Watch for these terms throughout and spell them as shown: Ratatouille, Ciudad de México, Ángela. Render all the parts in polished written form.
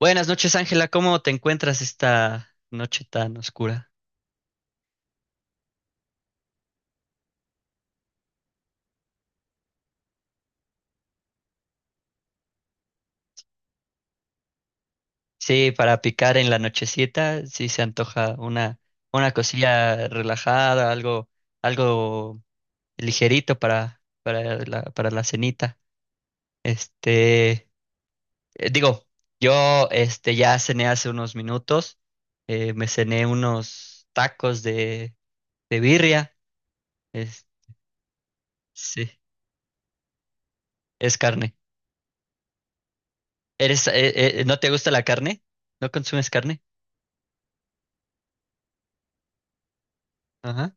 Buenas noches, Ángela. ¿Cómo te encuentras esta noche tan oscura? Sí, para picar en la nochecita, sí se antoja una cosilla relajada, algo, algo ligerito para, para la cenita. Este, Digo, yo este ya cené hace unos minutos. Me cené unos tacos de birria. Es, sí, es carne. ¿Eres, no te gusta la carne? ¿No consumes carne? Ajá.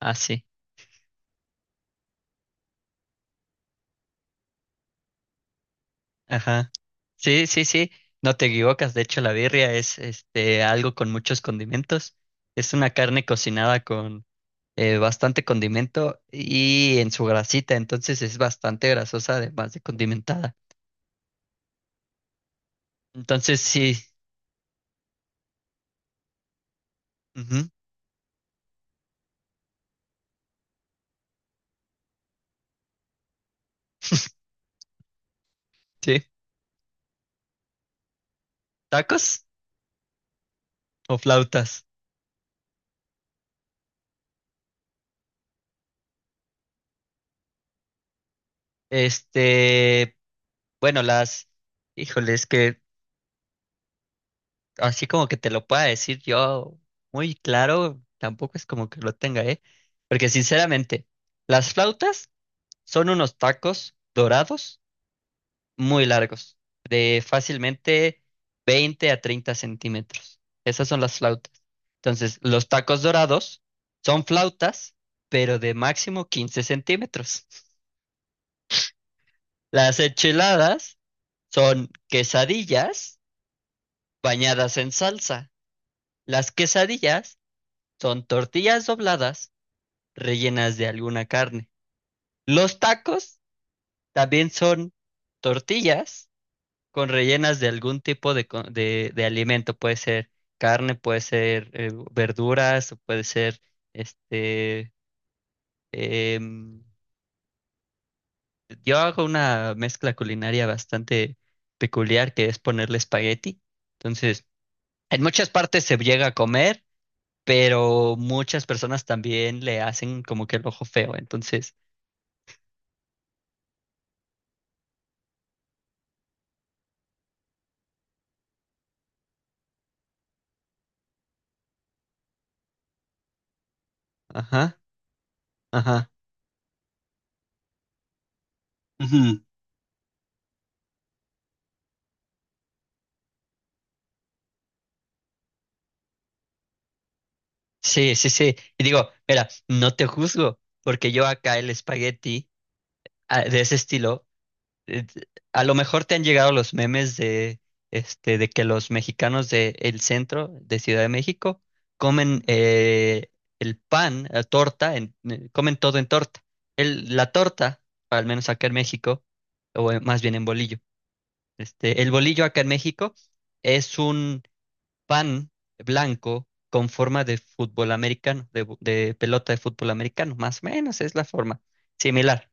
Ah, sí. Ajá. Sí, sí, sí. No te equivocas. De hecho, la birria es este algo con muchos condimentos. Es una carne cocinada con bastante condimento y en su grasita, entonces es bastante grasosa, además de condimentada. Entonces, sí. Ujú. Sí. ¿Tacos o flautas? Este, bueno, las, híjole, es que así como que te lo pueda decir yo muy claro, tampoco es como que lo tenga, ¿eh? Porque sinceramente, las flautas son unos tacos dorados muy largos, de fácilmente 20 a 30 centímetros. Esas son las flautas. Entonces, los tacos dorados son flautas, pero de máximo 15 centímetros. Las enchiladas son quesadillas bañadas en salsa. Las quesadillas son tortillas dobladas rellenas de alguna carne. Los tacos también son tortillas con rellenas de algún tipo de, de alimento. Puede ser carne, puede ser verduras, o puede ser este. em, yo hago una mezcla culinaria bastante peculiar que es ponerle espagueti. Entonces, en muchas partes se llega a comer, pero muchas personas también le hacen como que el ojo feo. Entonces, ajá. Ajá. Ujú. Sí, sí, sí. Y digo, mira, no te juzgo, porque yo acá el espagueti ah, de ese estilo, eh, a lo mejor te han llegado los memes de, de que los mexicanos de el centro de Ciudad de México comen el pan, la torta, comen todo en torta. El, la torta, al menos acá en México, o más bien en bolillo. El bolillo acá en México es un pan blanco con forma de fútbol americano, de pelota de fútbol americano, más o menos es la forma similar.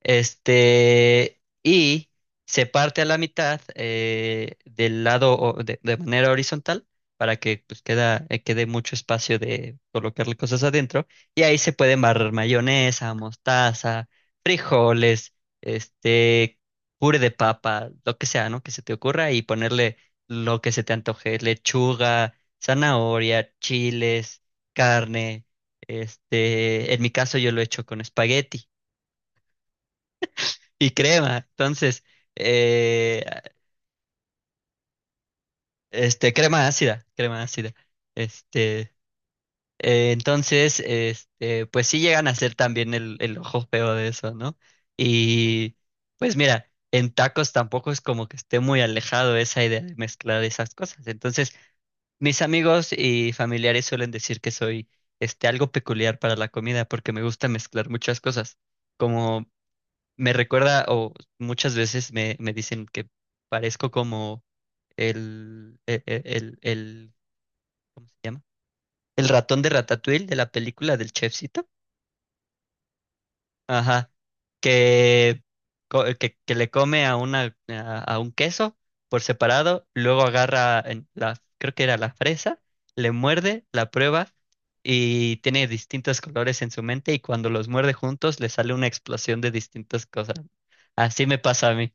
Y se parte a la mitad del de manera horizontal para que pues, queda, quede mucho espacio de colocarle cosas adentro. Y ahí se pueden barrer mayonesa, mostaza, frijoles, este, puré de papa, lo que sea, ¿no? Que se te ocurra y ponerle lo que se te antoje, lechuga, zanahoria, chiles, carne. En mi caso yo lo he hecho con espagueti. Y crema, entonces, eh, crema ácida, crema ácida. Este, entonces, pues sí llegan a ser también el ojo feo de eso, ¿no? Y pues mira, en tacos tampoco es como que esté muy alejado esa idea de mezclar esas cosas. Entonces, mis amigos y familiares suelen decir que soy, algo peculiar para la comida porque me gusta mezclar muchas cosas. Como me recuerda, o muchas veces me dicen que parezco como el, ¿cómo se llama? El ratón de Ratatouille de la película del chefcito. Ajá. Que, que le come a una, a un queso por separado, luego agarra en la, creo que era la fresa, le muerde, la prueba y tiene distintos colores en su mente y cuando los muerde juntos le sale una explosión de distintas cosas. Así me pasa a mí.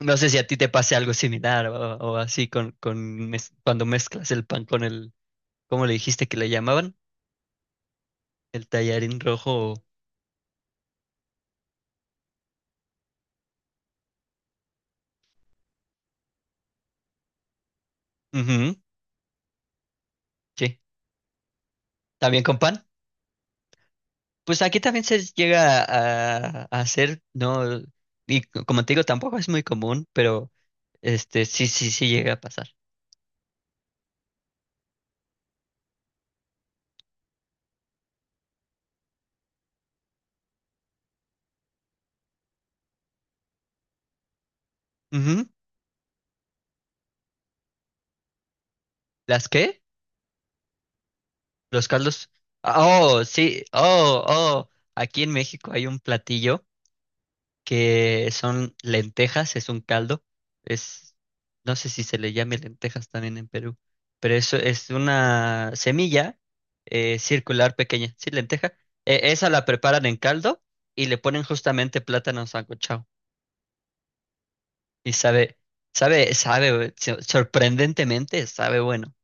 No sé si a ti te pase algo similar o así con cuando mezclas el pan con el, ¿cómo le dijiste que le llamaban? El tallarín rojo. Ujú, sí. ¿También con pan? Pues aquí también se llega a hacer, ¿no? Y como te digo, tampoco es muy común, pero este sí, sí, sí llega a pasar. Ujú. ¿Las qué? ¿Los caldos? Ah, oh, sí, oh, oh. Aquí en México hay un platillo que son lentejas, es un caldo, es, no sé si se le llame lentejas también en Perú, pero eso es una semilla circular pequeña, sí, lenteja. Esa la preparan en caldo y le ponen justamente plátano sancochado y sabe, sabe, sabe, sorprendentemente sabe bueno.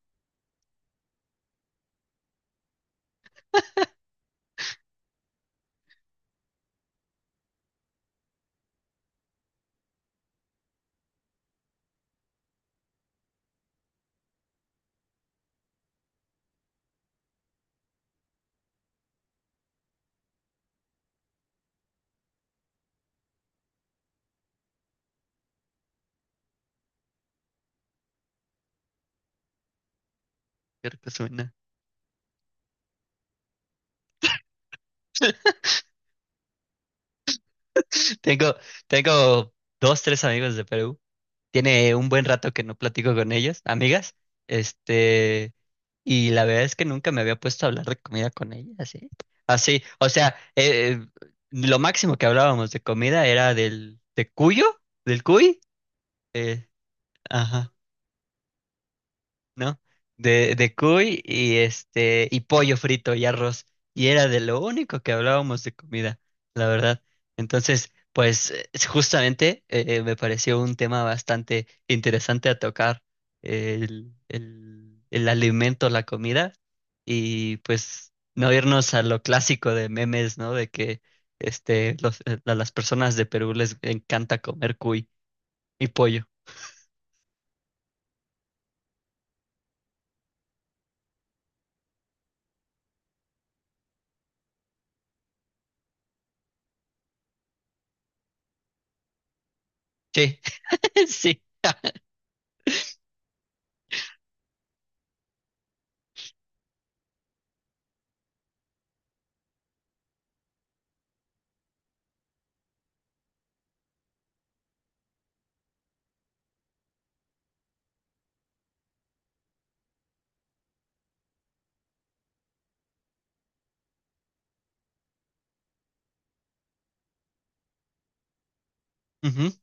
Creo que suena. Tengo, tengo dos, tres amigos de Perú. Tiene un buen rato que no platico con ellas, amigas. Este, y la verdad es que nunca me había puesto a hablar de comida con ellas, ¿eh? Así, o sea, lo máximo que hablábamos de comida era del, de cuyo, del cuy. eh, ajá. ¿No? De cuy y y pollo frito y arroz. Y era de lo único que hablábamos de comida, la verdad. Entonces, pues justamente me pareció un tema bastante interesante a tocar, el alimento, la comida, y pues no irnos a lo clásico de memes, ¿no? De que a las personas de Perú les encanta comer cuy y pollo. Sí, sí.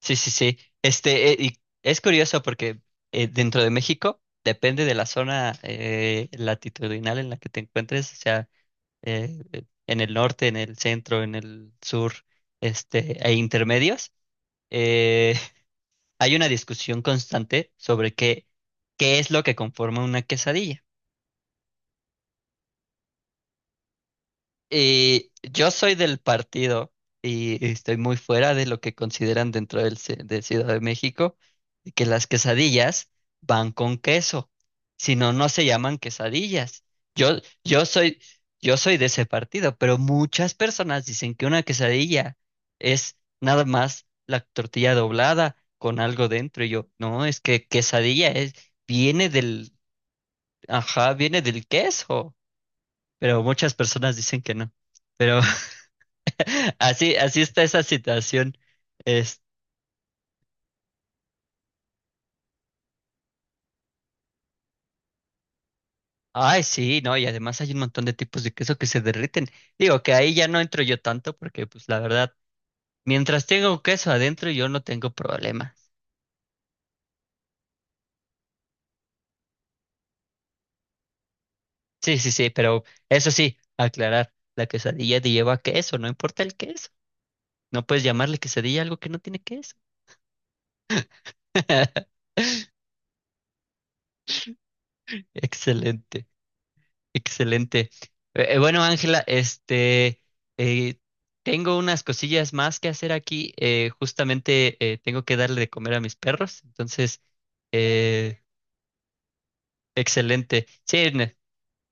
Sí, sí, sí. Y es curioso porque dentro de México depende de la zona latitudinal en la que te encuentres, o sea, en el norte, en el centro, en el sur, e intermedios. eh, Hay una discusión constante sobre qué, qué es lo que conforma una quesadilla. Y yo soy del partido y estoy muy fuera de lo que consideran dentro de Ciudad de México, de que las quesadillas van con queso, si no, no se llaman quesadillas. Yo, yo soy, yo soy de ese partido, pero muchas personas dicen que una quesadilla es nada más la tortilla doblada con algo dentro. Y yo, no, es que quesadilla es, viene del, ajá, viene del queso, pero muchas personas dicen que no. Pero así, así está esa situación. Es, ay, sí, no, y además hay un montón de tipos de queso que se derriten. Digo que ahí ya no entro yo tanto porque, pues, la verdad, mientras tenga un queso adentro, yo no tengo problema. Sí, sí, sí, pero eso sí, aclarar, la quesadilla te lleva queso, no importa el queso. No puedes llamarle quesadilla a algo que no tiene queso. Excelente. Excelente. Bueno, Ángela, eh, tengo unas cosillas más que hacer aquí. Justamente tengo que darle de comer a mis perros. Entonces, eh, excelente. Sí, ne-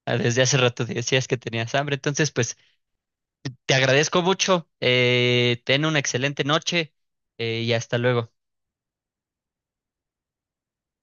ah, desde hace rato decías que tenías hambre. Entonces, pues, te agradezco mucho. Ten una excelente noche y hasta luego.